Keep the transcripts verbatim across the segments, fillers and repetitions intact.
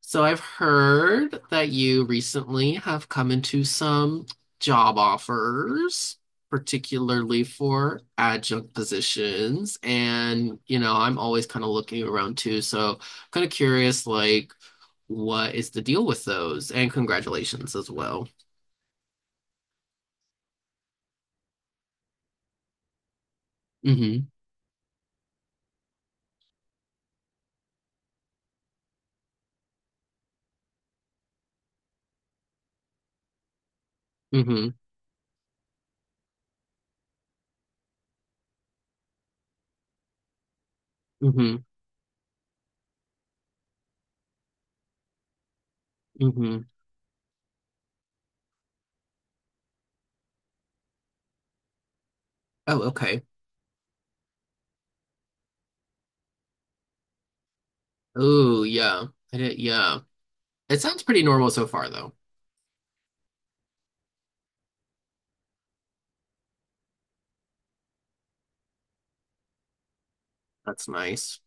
So I've heard that you recently have come into some job offers, particularly for adjunct positions. And, you know, I'm always kind of looking around too. So kind of curious, like, what is the deal with those? And congratulations as well. Hmm. Hmm. Hmm. Hmm. Oh, okay. Oh, yeah. I did, yeah. It sounds pretty normal so far, though. That's nice.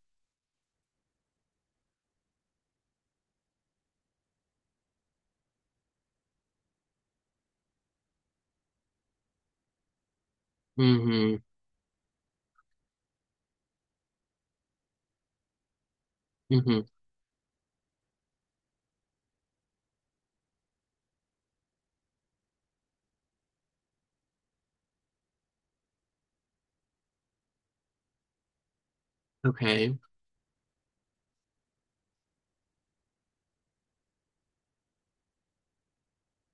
Hmm. Hmm. Okay.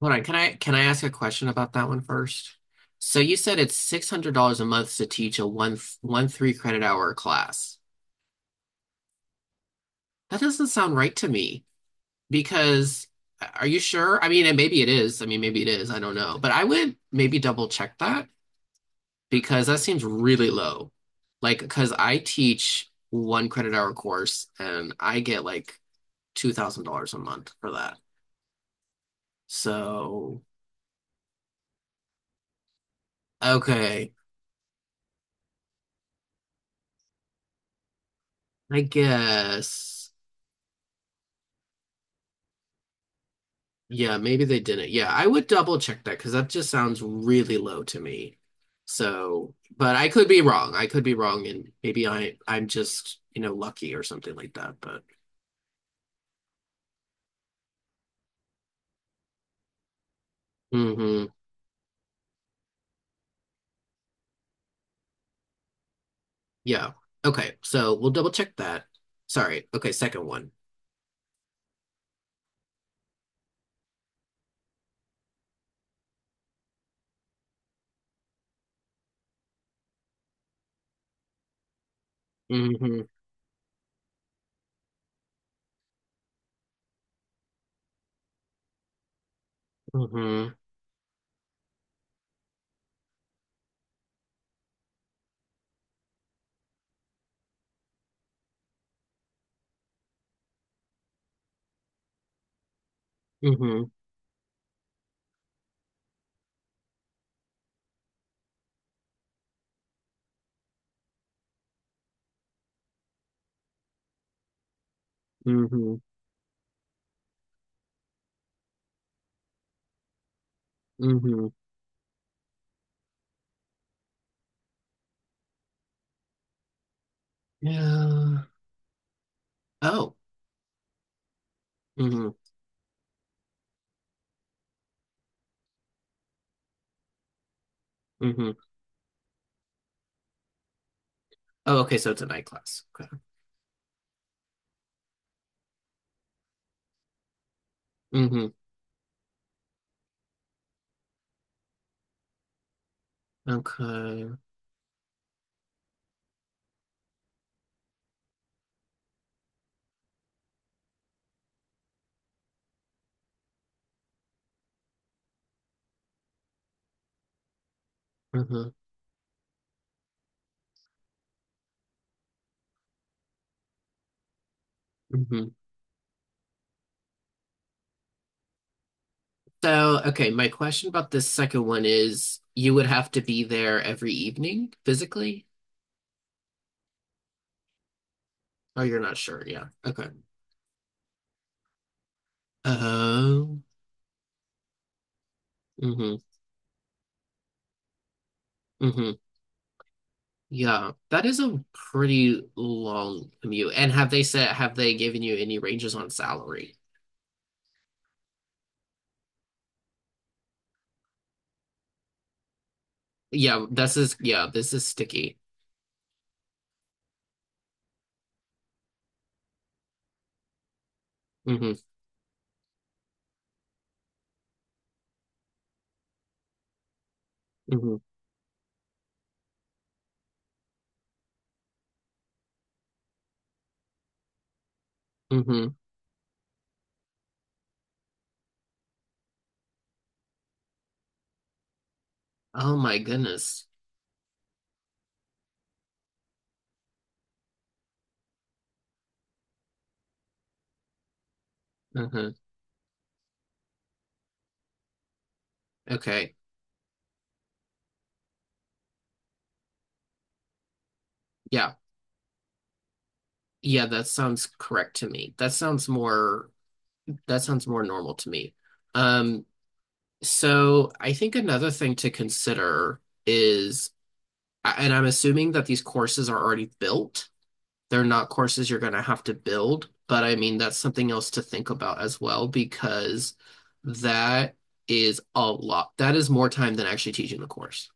Hold on, can I can I ask a question about that one first? So you said it's six hundred dollars a month to teach a one one three credit hour class. That doesn't sound right to me because uh, are you sure? I mean, and maybe it is. I mean, maybe it is. I don't know. But I would maybe double check that because that seems really low. Like, because I teach one credit hour course and I get like two thousand dollars a month for that. So, okay, I guess. Yeah, maybe they didn't. Yeah, I would double check that because that just sounds really low to me. So, but I could be wrong. I could be wrong, and maybe I I'm just, you know, lucky or something like that. But hmm, yeah. Okay, so we'll double check that. Sorry. Okay, second one. Mm-hmm. Mm-hmm. Mm-hmm. Mm-hmm. Mm-hmm. Yeah. Oh. Mm-hmm. Mm-hmm. Oh, okay, so it's a night class. Okay. Mm-hmm. Okay. Mm-hmm. Mm-hmm. So, okay, my question about this second one is you would have to be there every evening physically? Oh, you're not sure. Yeah. Okay. Oh, mm-hmm. Mm-hmm. Yeah. That is a pretty long commute. And have they said, have they given you any ranges on salary? Yeah, this is, yeah, this is sticky. Mm-hmm. Mm-hmm. Mm-hmm. Oh my goodness. Mm-hmm. Okay. Yeah. Yeah, that sounds correct to me. That sounds more, that sounds more normal to me. Um, So I think another thing to consider is, and I'm assuming that these courses are already built. They're not courses you're going to have to build, but I mean, that's something else to think about as well because that is a lot. That is more time than actually teaching the course.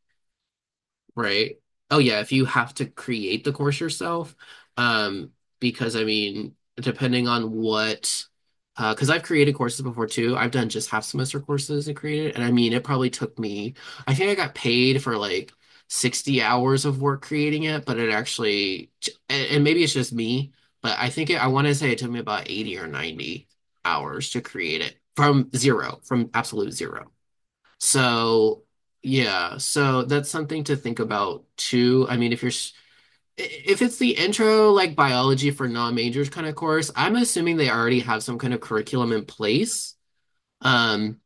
Right. Oh yeah, if you have to create the course yourself, um, because I mean, depending on what, uh, because I've created courses before too. I've done just half semester courses and created, and I mean, it probably took me, I think I got paid for like sixty hours of work creating it, but it actually, and, and maybe it's just me, but I think it, I want to say it took me about eighty or ninety hours to create it from zero, from absolute zero. So, yeah, so that's something to think about too. I mean, if you're s- if it's the intro like biology for non-majors kind of course, I'm assuming they already have some kind of curriculum in place. Um,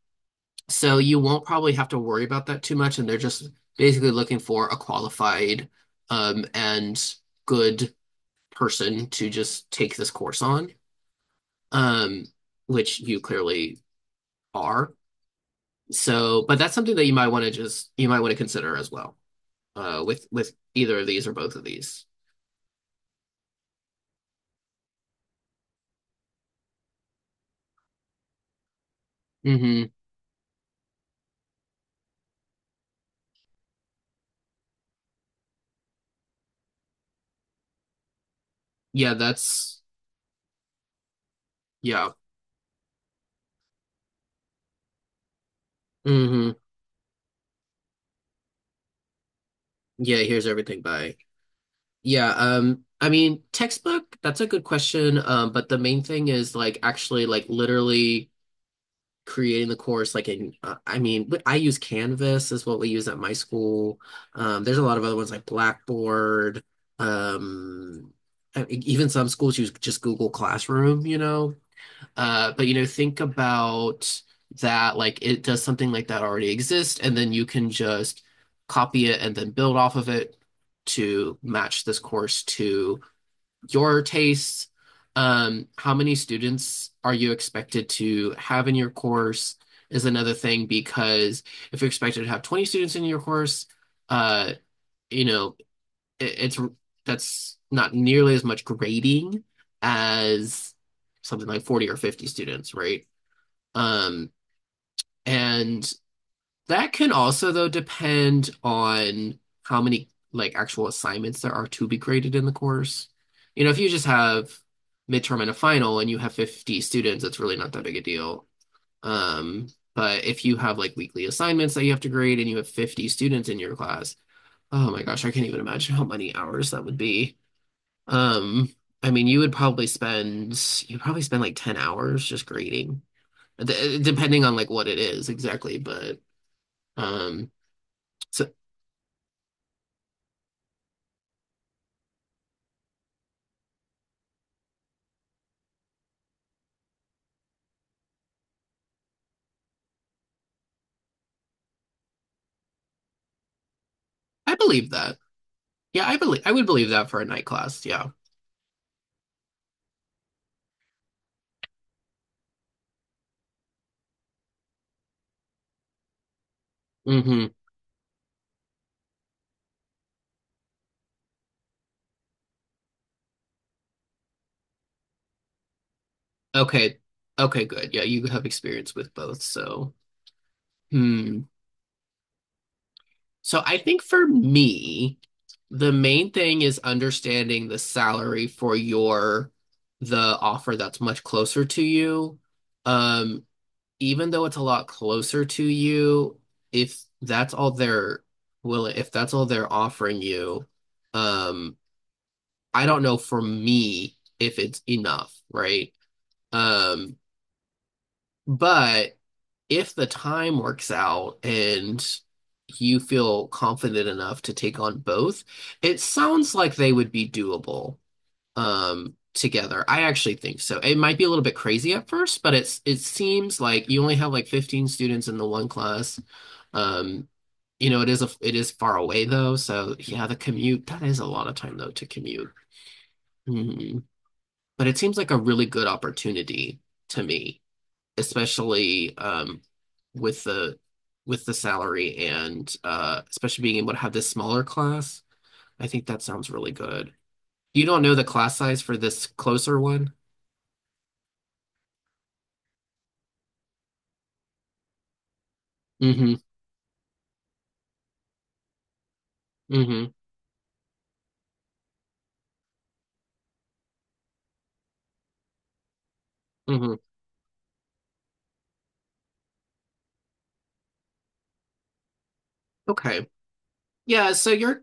so you won't probably have to worry about that too much, and they're just basically looking for a qualified um and good person to just take this course on, um, which you clearly are. So, but that's something that you might want to just you might want to consider as well. Uh with with either of these or both of these. Mm-hmm. Yeah, that's yeah. Mm-hmm. Yeah, here's everything by. Yeah, um I mean textbook, that's a good question. Um, but the main thing is like actually like literally creating the course like in uh, I mean I use Canvas is what we use at my school. Um, there's a lot of other ones like Blackboard, um, e- even some schools use just Google Classroom, you know. Uh, but you know, think about that. Like, it does something like that already exist, and then you can just copy it and then build off of it to match this course to your tastes. Um, how many students are you expected to have in your course is another thing because if you're expected to have twenty students in your course, uh, you know, it, it's that's not nearly as much grading as something like forty or fifty students, right? Um, and that can also though depend on how many like actual assignments there are to be graded in the course. You know, if you just have midterm and a final and you have fifty students, it's really not that big a deal. Um, but if you have like weekly assignments that you have to grade and you have fifty students in your class, oh my gosh, I can't even imagine how many hours that would be. Um, I mean, you would probably spend you probably spend like ten hours just grading D- depending on like what it is exactly, but um, so I believe that. Yeah, I believe I would believe that for a night class. Yeah. Hmm. Okay. Okay, good. Yeah, you have experience with both, so hmm. So I think for me, the main thing is understanding the salary for your the offer that's much closer to you. Um, even though it's a lot closer to you, if that's all they're will if that's all they're offering you, um, I don't know for me if it's enough, right? Um, but if the time works out and you feel confident enough to take on both, it sounds like they would be doable um together. I actually think so. It might be a little bit crazy at first, but it's it seems like you only have like fifteen students in the one class. Um, you know, it is a it is far away though, so yeah, the commute, that is a lot of time though to commute. Mhm. But it seems like a really good opportunity to me, especially um with the with the salary and uh especially being able to have this smaller class. I think that sounds really good. You don't know the class size for this closer one? Mm-hmm. Mm-hmm. Mm-hmm. Okay. Yeah, so you're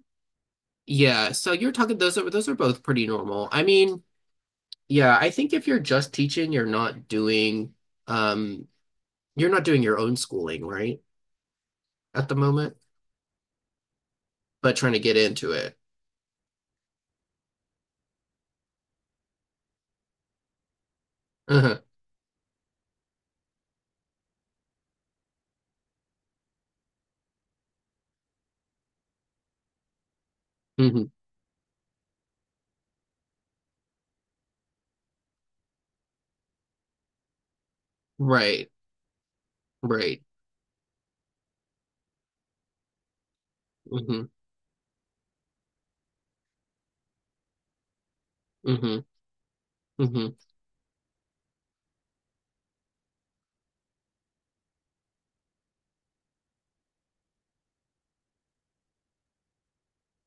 yeah, so you're talking those are those are both pretty normal. I mean, yeah, I think if you're just teaching, you're not doing um you're not doing your own schooling, right? At the moment, but trying to get into it. Uh-huh. Mm-hmm. Right. Right. Mm-hmm. Mm-hmm. Mm-hmm.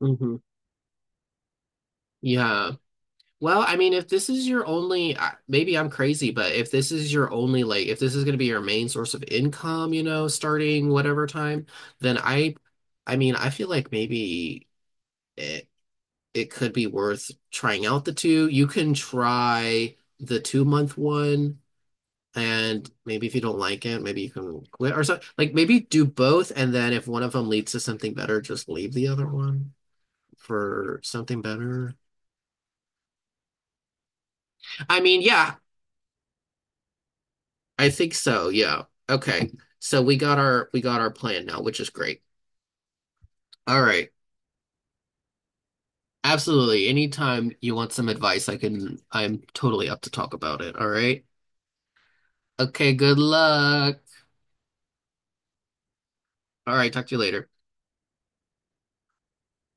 Mm-hmm. Yeah. Well, I mean, if this is your only, I- maybe I'm crazy, but if this is your only, like, if this is going to be your main source of income, you know, starting whatever time, then I, I mean, I feel like maybe it, it could be worth trying out the two. You can try the two month one, and maybe if you don't like it, maybe you can quit or something. Like, maybe do both, and then if one of them leads to something better, just leave the other one for something better. I mean, yeah, I think so, yeah. Okay. So we got our we got our plan now, which is great. All right. Absolutely. Anytime you want some advice, I can I'm totally up to talk about it. All right. Okay, good luck. All right, talk to you later.